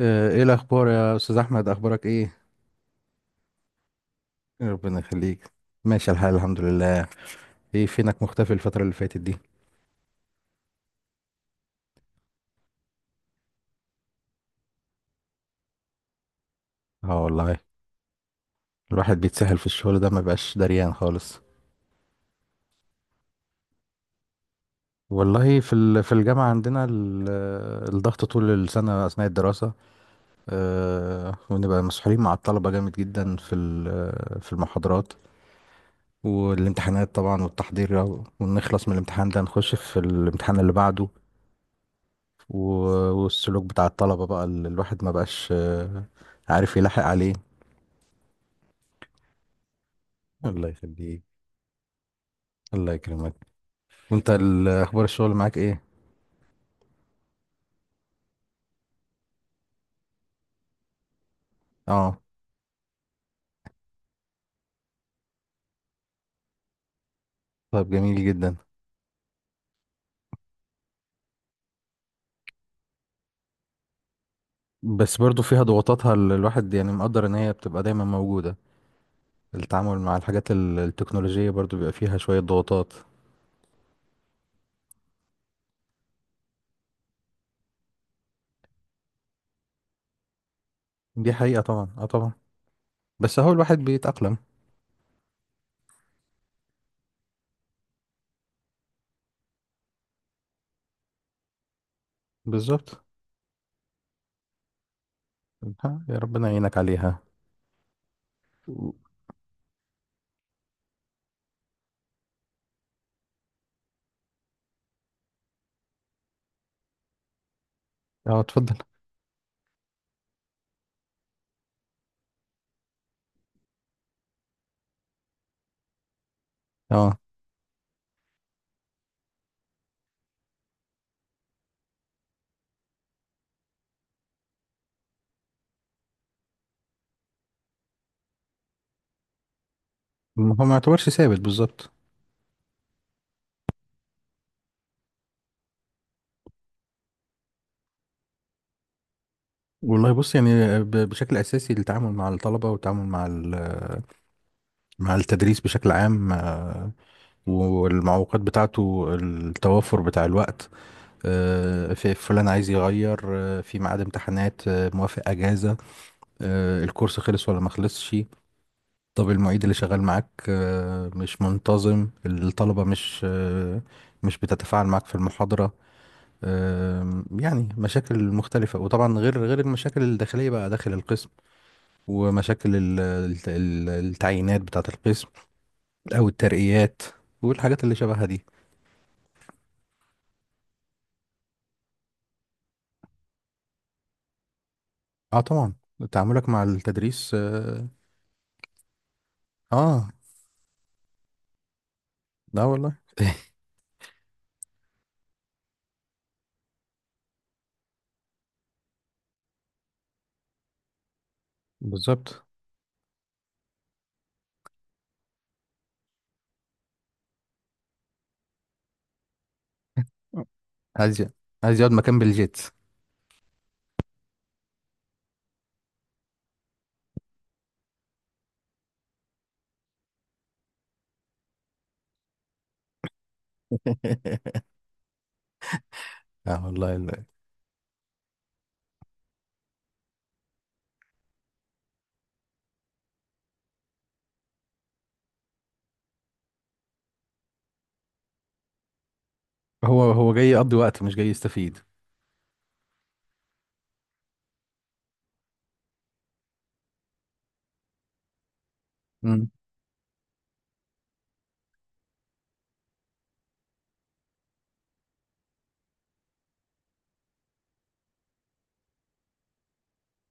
ايه الاخبار يا استاذ احمد؟ اخبارك ايه؟ ربنا يخليك. ماشي الحال، الحمد لله. ايه فينك مختفي الفتره اللي فاتت دي؟ اه والله. الواحد بيتسهل في الشغل ده، ما بقاش دريان خالص. والله في الجامعه الضغط طول السنه اثناء الدراسه. ونبقى مسحولين مع الطلبه جامد جدا في المحاضرات والامتحانات طبعا والتحضير، ونخلص من الامتحان ده نخش في الامتحان اللي بعده. والسلوك بتاع الطلبة بقى اللي الواحد ما بقاش عارف يلاحق عليه. الله يخليك، الله يكرمك. وانت اخبار الشغل معاك ايه؟ اه، طيب جميل جدا. بس برضو فيها ضغوطاتها اللي الواحد يعني مقدر ان هي بتبقى دايما موجودة. التعامل مع الحاجات التكنولوجية برضو بيبقى فيها شوية ضغوطات. دي حقيقة طبعا، اه طبعا. بس هو الواحد بيتأقلم، بالظبط. ها، يا ربنا يعينك عليها. و- اه اتفضل. اه، ما هو ما يعتبرش ثابت، بالظبط. والله بص، يعني بشكل اساسي التعامل مع الطلبه والتعامل مع مع التدريس بشكل عام. والمعوقات بتاعته التوافر بتاع الوقت. في فلان عايز يغير، في ميعاد امتحانات، موافق اجازه، الكورس خلص ولا ما خلصش. طب المعيد اللي شغال معاك مش منتظم، الطلبه مش مش بتتفاعل معاك في المحاضره. يعني مشاكل مختلفه، وطبعا غير المشاكل الداخليه بقى داخل القسم ومشاكل التعيينات بتاعة القسم أو الترقيات والحاجات اللي شبهها دي. اه طبعا. تعاملك مع التدريس، اه. آه، لا والله بالظبط. عايز ي- عايز يقعد مكان بالجيت. اه والله هو جاي يقضي وقت مش جاي يستفيد. امم.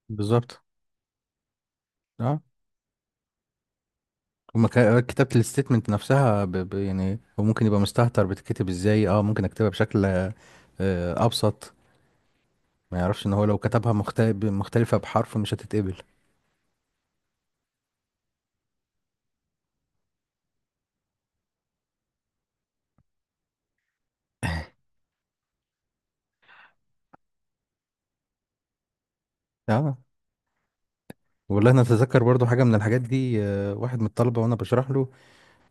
بالظبط، اه. ومكا- كتابة الستيتمنت نفسها يعني هو ممكن يبقى مستهتر بتتكتب ازاي. اه، ممكن اكتبها بشكل ابسط. ما يعرفش ان هو لو كتبها مختلفة بحرف مش هتتقبل. اه والله انا اتذكر برضو حاجة من الحاجات دي. واحد من الطلبة وانا بشرح له،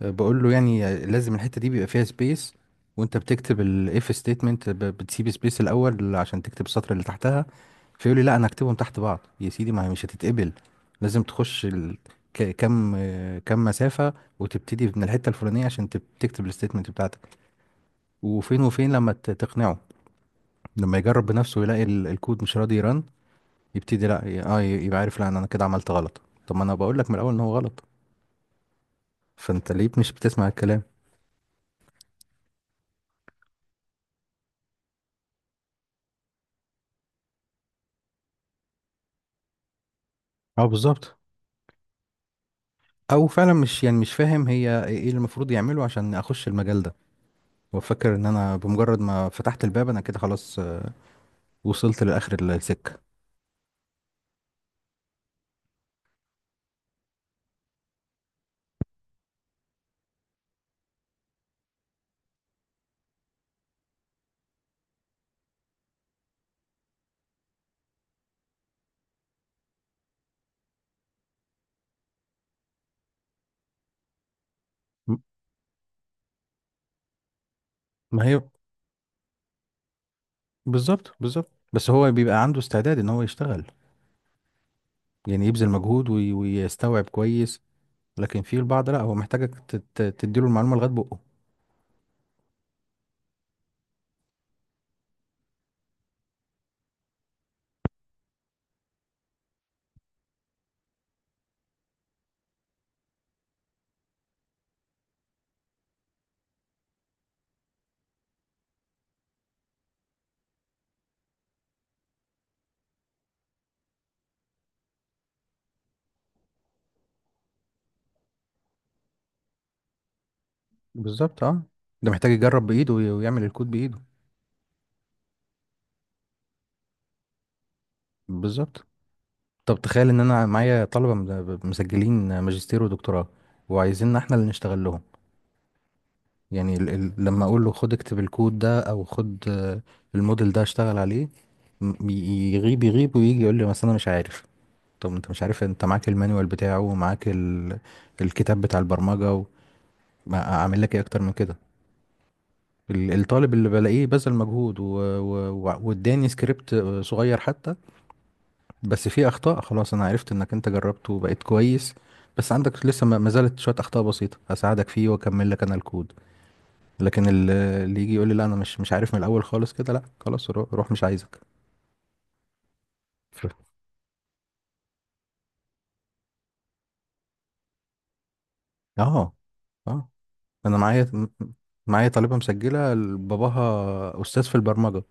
بقول له يعني لازم الحتة دي بيبقى فيها سبيس. وانت بتكتب الاف ستيتمنت بتسيب سبيس الاول عشان تكتب السطر اللي تحتها. فيقول لي لا انا هكتبهم تحت بعض يا سيدي. ما هي مش هتتقبل، لازم تخش كم كم مسافة وتبتدي من الحتة الفلانية عشان تكتب الستيتمنت بتاعتك. وفين لما تقنعه. لما يجرب بنفسه يلاقي الكود مش راضي يرن، يبتدي لا ي- اه ي- يبقى عارف لا، انا كده عملت غلط. طب ما انا بقول لك من الاول ان هو غلط. فانت ليه مش بتسمع الكلام؟ اه بالظبط. او فعلا مش يعني مش فاهم هي ايه، إيه اللي المفروض يعمله عشان اخش المجال ده. هو فاكر ان انا بمجرد ما فتحت الباب انا كده خلاص، وصلت لاخر السكه. م- ما هي بالظبط، بالظبط. بس هو بيبقى عنده استعداد ان هو يشتغل، يعني يبذل مجهود وي- ويستوعب كويس. لكن في البعض لا، هو محتاجك تديله المعلومه لغايه بقه. بالظبط، اه. ده محتاج يجرب بايده وي- ويعمل الكود بايده. بالظبط. طب تخيل ان انا معايا طلبه مسجلين ماجستير ودكتوراه، وعايزيننا احنا اللي نشتغل لهم. يعني ال لما اقول له خد اكتب الكود ده، او خد الموديل ده اشتغل عليه، يغيب ويجي يقول لي مثلا انا مش عارف. طب انت مش عارف، انت معاك المانيوال بتاعه ومعاك ال الكتاب بتاع البرمجه ما اعمل لك ايه اكتر من كده؟ الطالب اللي بلاقيه بذل مجهود و واداني سكريبت صغير حتى، بس في اخطاء، خلاص انا عرفت انك انت جربته وبقيت كويس. بس عندك لسه ما زالت شويه اخطاء بسيطه، هساعدك فيه واكمل لك انا الكود. لكن اللي يجي يقول لي لا انا مش عارف من الاول خالص كده، لا خلاص روح مش عايزك. ف- اه، اه. انا معايا معايا طالبه مسجله باباها استاذ في البرمجه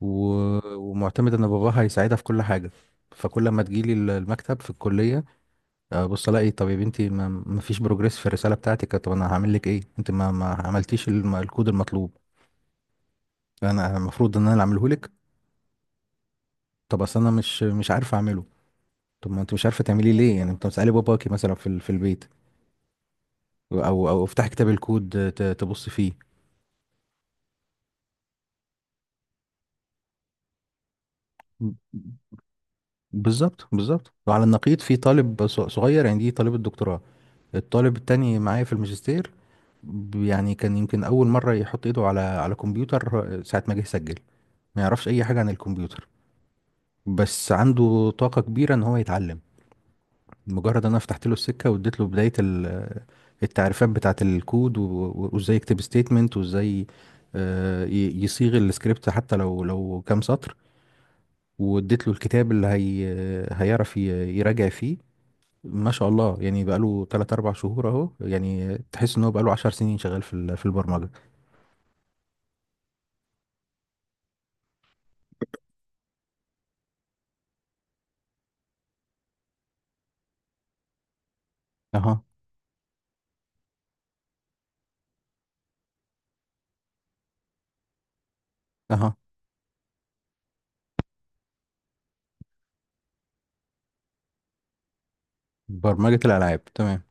و... ومعتمد ان باباها هيساعدها في كل حاجه. فكل ما تجيلي المكتب في الكليه، بص الاقي، طب يا بنتي ما فيش بروجريس في الرساله بتاعتك، طب انا هعمل لك ايه؟ انت ما عملتيش الكود المطلوب، انا المفروض ان انا اللي اعمله لك؟ طب اصل انا مش عارفه اعمله. طب ما انت مش عارفه تعمليه ليه، يعني انت مسالي باباكي مثلا في البيت او افتح كتاب الكود؟ تبص فيه. ب- بالظبط، بالظبط. وعلى النقيض في طالب صغير، يعني دي طالب الدكتوراه، الطالب التاني معايا في الماجستير. يعني كان يمكن اول مره يحط ايده على على كمبيوتر، ساعه ما جه يسجل ما يعرفش اي حاجه عن الكمبيوتر. بس عنده طاقة كبيرة ان هو يتعلم. مجرد انا فتحت له السكة واديت له بداية التعريفات بتاعة الكود و وازاي يكتب ستيتمنت وازاي يصيغ السكريبت حتى لو كام سطر، واديت له الكتاب اللي هي هيعرف يراجع فيه. ما شاء الله يعني بقاله 3 4 شهور اهو، يعني تحس ان هو بقاله 10 سنين شغال في البرمجة. اها، اها. برمجة الالعاب، تمام.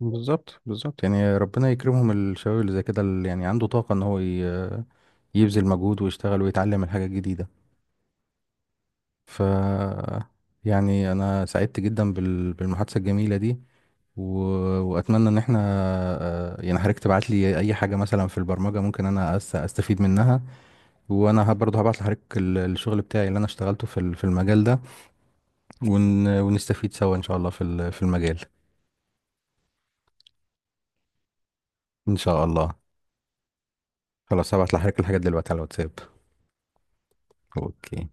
بالظبط، بالظبط. يعني ربنا يكرمهم الشباب اللي زي كده، اللي يعني عنده طاقة ان هو يبذل مجهود ويشتغل ويتعلم الحاجة الجديدة. ف يعني انا سعدت جدا بالمحادثة الجميلة دي و... واتمنى ان احنا يعني حضرتك تبعت لي اي حاجة مثلا في البرمجة ممكن انا استفيد منها. وانا برضه هبعت لحضرتك الشغل بتاعي اللي انا اشتغلته في المجال ده، ونستفيد سوا ان شاء الله في المجال. ان شاء الله. خلاص هبعت لحضرتك الحاجات دلوقتي على الواتساب. اوكي.